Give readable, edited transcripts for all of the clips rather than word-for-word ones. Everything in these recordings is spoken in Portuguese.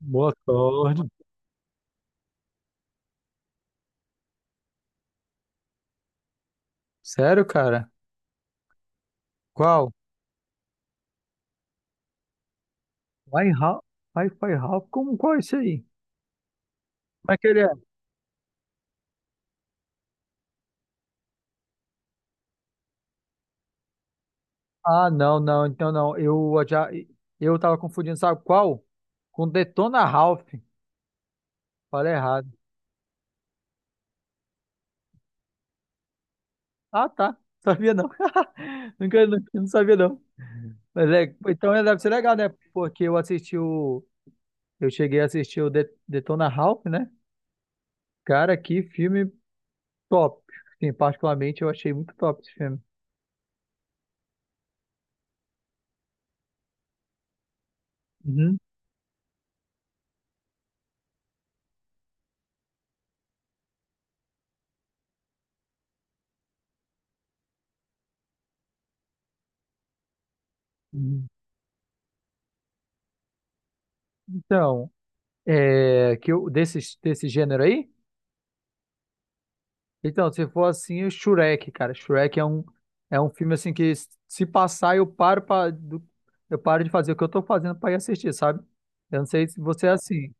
Boa tarde. Sério, cara? Qual? Wi-Fi, Wi-Fi Ralph, como qual é isso aí? Como é que ele é? Ah, não, então não. Eu tava confundindo, sabe qual? Com Detona Ralph. Falei errado. Ah, tá. Sabia não. Não sabia não. Mas é, então é, deve ser legal, né? Porque eu assisti o Eu cheguei a assistir o Detona Ralph, né? Cara, que filme top. Sim, particularmente eu achei muito top esse filme. Uhum. Uhum. Então, é, que eu, desse, desse gênero aí? Então, se for assim, o Shrek, cara. Shrek é um filme assim que se passar eu eu paro de fazer o que eu tô fazendo pra ir assistir, sabe? Eu não sei se você é assim.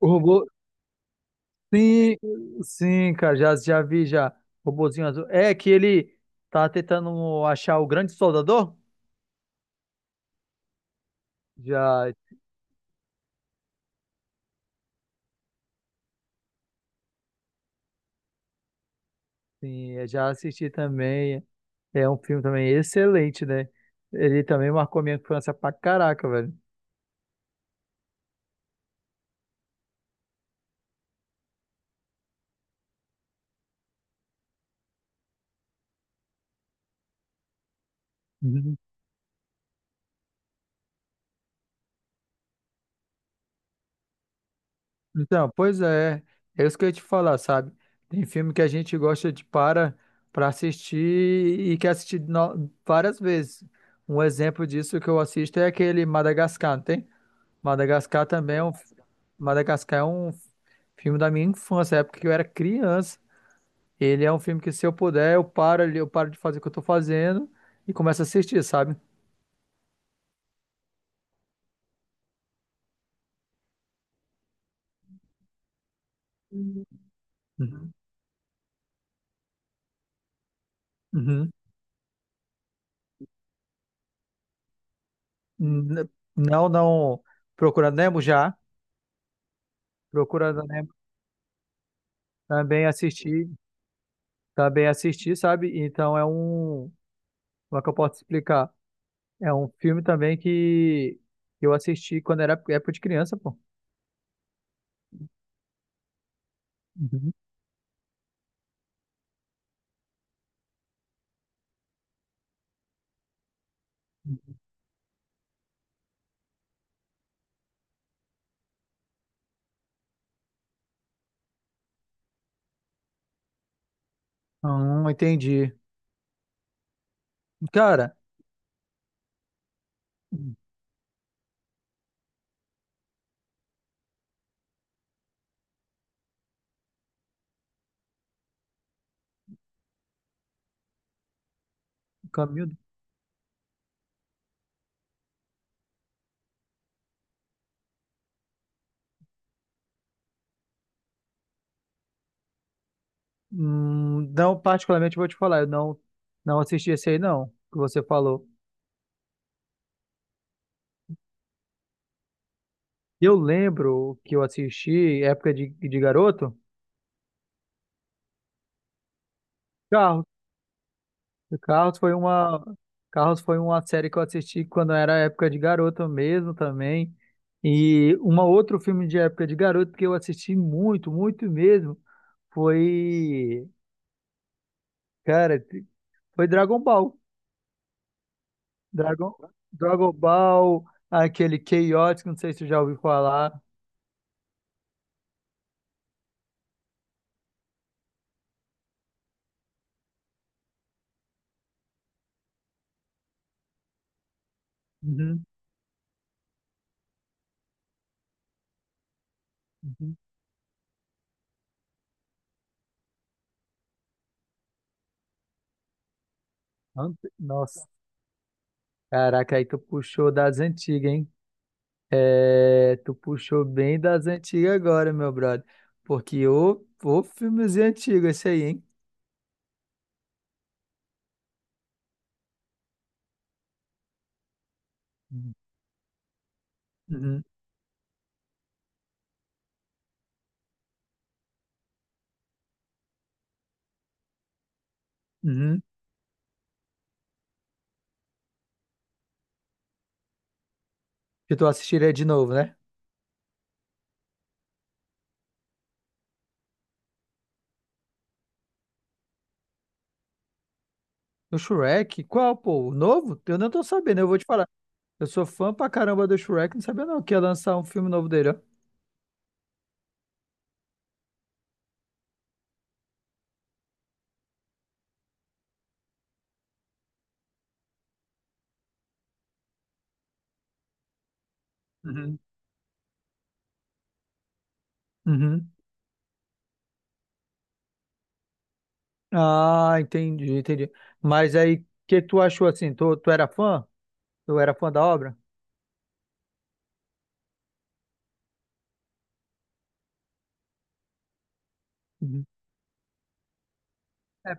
O robô. Sim, sim, cara, já vi já. Robozinho azul. É que ele tá tentando achar o grande soldador? Já, sim, é, já assisti também. É um filme também excelente, né? Ele também marcou minha infância pra caraca, velho. Então, pois é, é isso que eu ia te falar, sabe? Tem filme que a gente gosta de para assistir e quer assistir várias vezes. Um exemplo disso que eu assisto é aquele Madagascar, não tem? Madagascar também é um Madagascar é um filme da minha infância, época que eu era criança. Ele é um filme que se eu puder, eu paro ali, eu paro de fazer o que eu tô fazendo e começo a assistir, sabe? Uhum. Uhum. N- Não, não. Procurando Nemo já. Procurando Nemo também assisti. Também assisti, sabe? Então é um. Como é que eu posso explicar? É um filme também que eu assisti quando era época de criança, pô. Uhum. Entendi. Cara, o caminho. Não, particularmente vou te falar, eu não, não assisti esse aí, não, que você falou. Eu lembro que eu assisti, época de garoto, Carros. O Carros foi uma série que eu assisti quando era época de garoto mesmo também. E uma outro filme de época de garoto que eu assisti muito mesmo, foi, cara, foi Dragon Ball. Dragon Dragon Ball, aquele Chaotix, não sei se você já ouviu falar. Uhum, uhum. Nossa, caraca, aí tu puxou das antigas, hein? É, tu puxou bem das antigas agora, meu brother. Porque ô filmezinho antigo esse aí, hein? Uhum, uhum. Que tu assistiria de novo, né? No Shrek? Qual, pô? O novo? Eu não tô sabendo, eu vou te falar. Eu sou fã pra caramba do Shrek, não sabia não que ia lançar um filme novo dele, ó. Uhum, uhum. Ah, entendi, entendi. Mas aí, o que tu achou assim? Tu era fã? Tu era fã da obra? Uhum. É,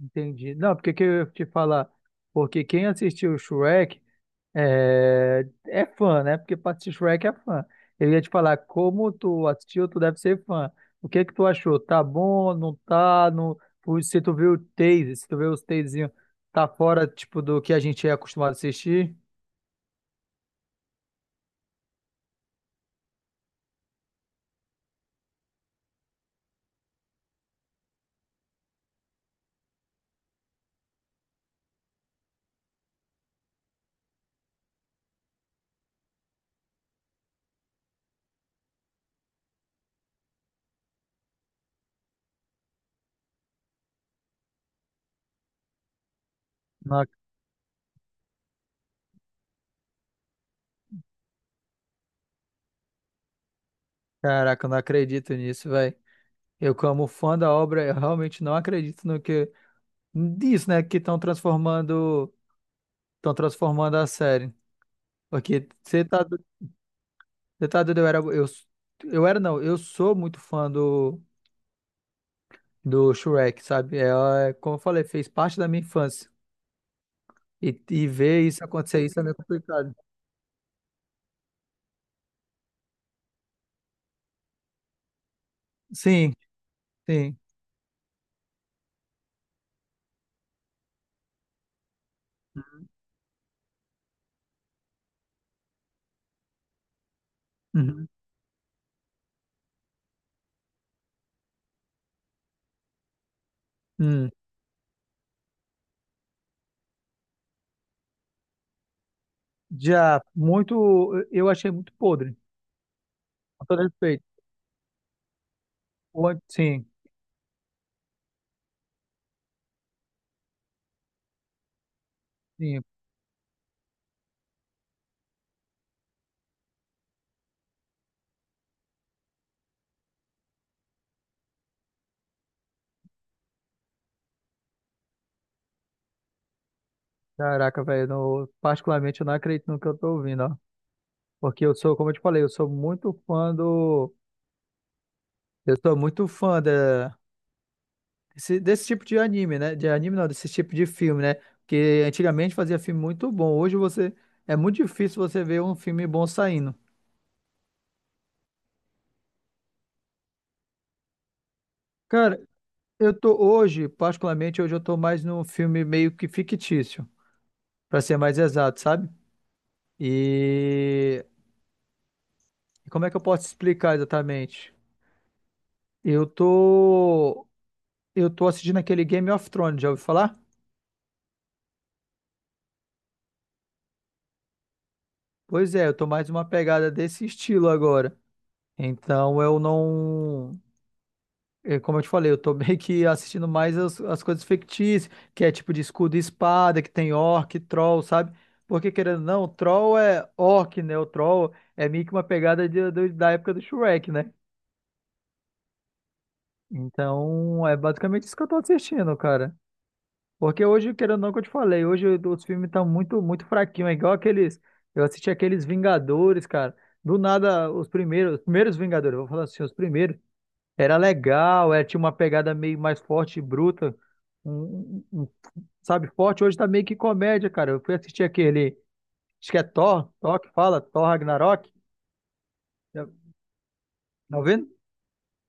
entendi. Não, porque que eu ia te falar? Porque quem assistiu o Shrek. É, é fã, né? Porque pra assistir Shrek é fã. Eu ia te falar, como tu assistiu, tu deve ser fã. O que que tu achou? Tá bom, não tá? Não... Ui, se tu viu o Taze, se tu viu os Tazezinhos, tá fora, tipo, do que a gente é acostumado a assistir? Não, caraca, eu não acredito nisso, velho. Eu, como fã da obra, eu realmente não acredito no que... Disso, né? Que estão transformando... Estão transformando a série. Porque você tá... Você tá doido, eu era, não. Eu sou muito fã do... do Shrek, sabe? Ela, é, como eu falei, fez parte da minha infância. E ver isso acontecer, isso é meio complicado. Sim, sim. Uhum. Hum. Já muito, eu achei muito podre, com todo respeito. Sim, sim. Caraca, velho, particularmente eu não acredito no que eu tô ouvindo, ó. Porque eu sou, como eu te falei, eu sou muito fã desse tipo de anime, né? De anime não, desse tipo de filme, né? Porque antigamente fazia filme muito bom. Hoje você É muito difícil você ver um filme bom saindo. Cara, particularmente hoje eu tô mais num filme meio que fictício, pra ser mais exato, sabe? E como é que eu posso explicar exatamente? Eu tô eu tô assistindo aquele Game of Thrones, já ouviu falar? Pois é, eu tô mais uma pegada desse estilo agora. Então eu não. É, como eu te falei, eu tô meio que assistindo mais as coisas fictícias, que é tipo de escudo e espada, que tem orc, troll, sabe? Porque querendo ou não, troll é orc, né? O troll é meio que uma pegada da época do Shrek, né? Então, é basicamente isso que eu tô assistindo, cara. Porque hoje, querendo ou não, que eu te falei, hoje os filmes estão muito, muito fraquinhos. É igual aqueles. Eu assisti aqueles Vingadores, cara. Do nada, os primeiros Vingadores, eu vou falar assim, os primeiros. Era legal, é, tinha uma pegada meio mais forte e bruta, um, um- um- sabe, forte. Hoje tá meio que comédia, cara. Eu fui assistir aquele, acho que é Thor Ragnarok, tá tá vendo?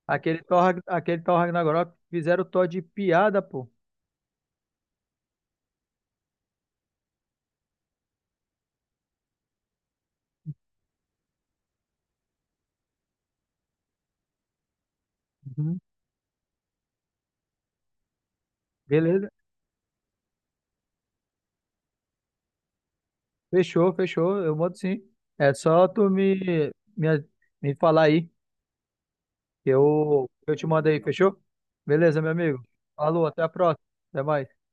Aquele Thor Ragnarok, fizeram o Thor de piada, pô. Uhum. Beleza, fechou, eu mando sim. É só me, me falar aí, que eu te mando aí, fechou? Beleza, meu amigo. Falou, até a próxima, até mais.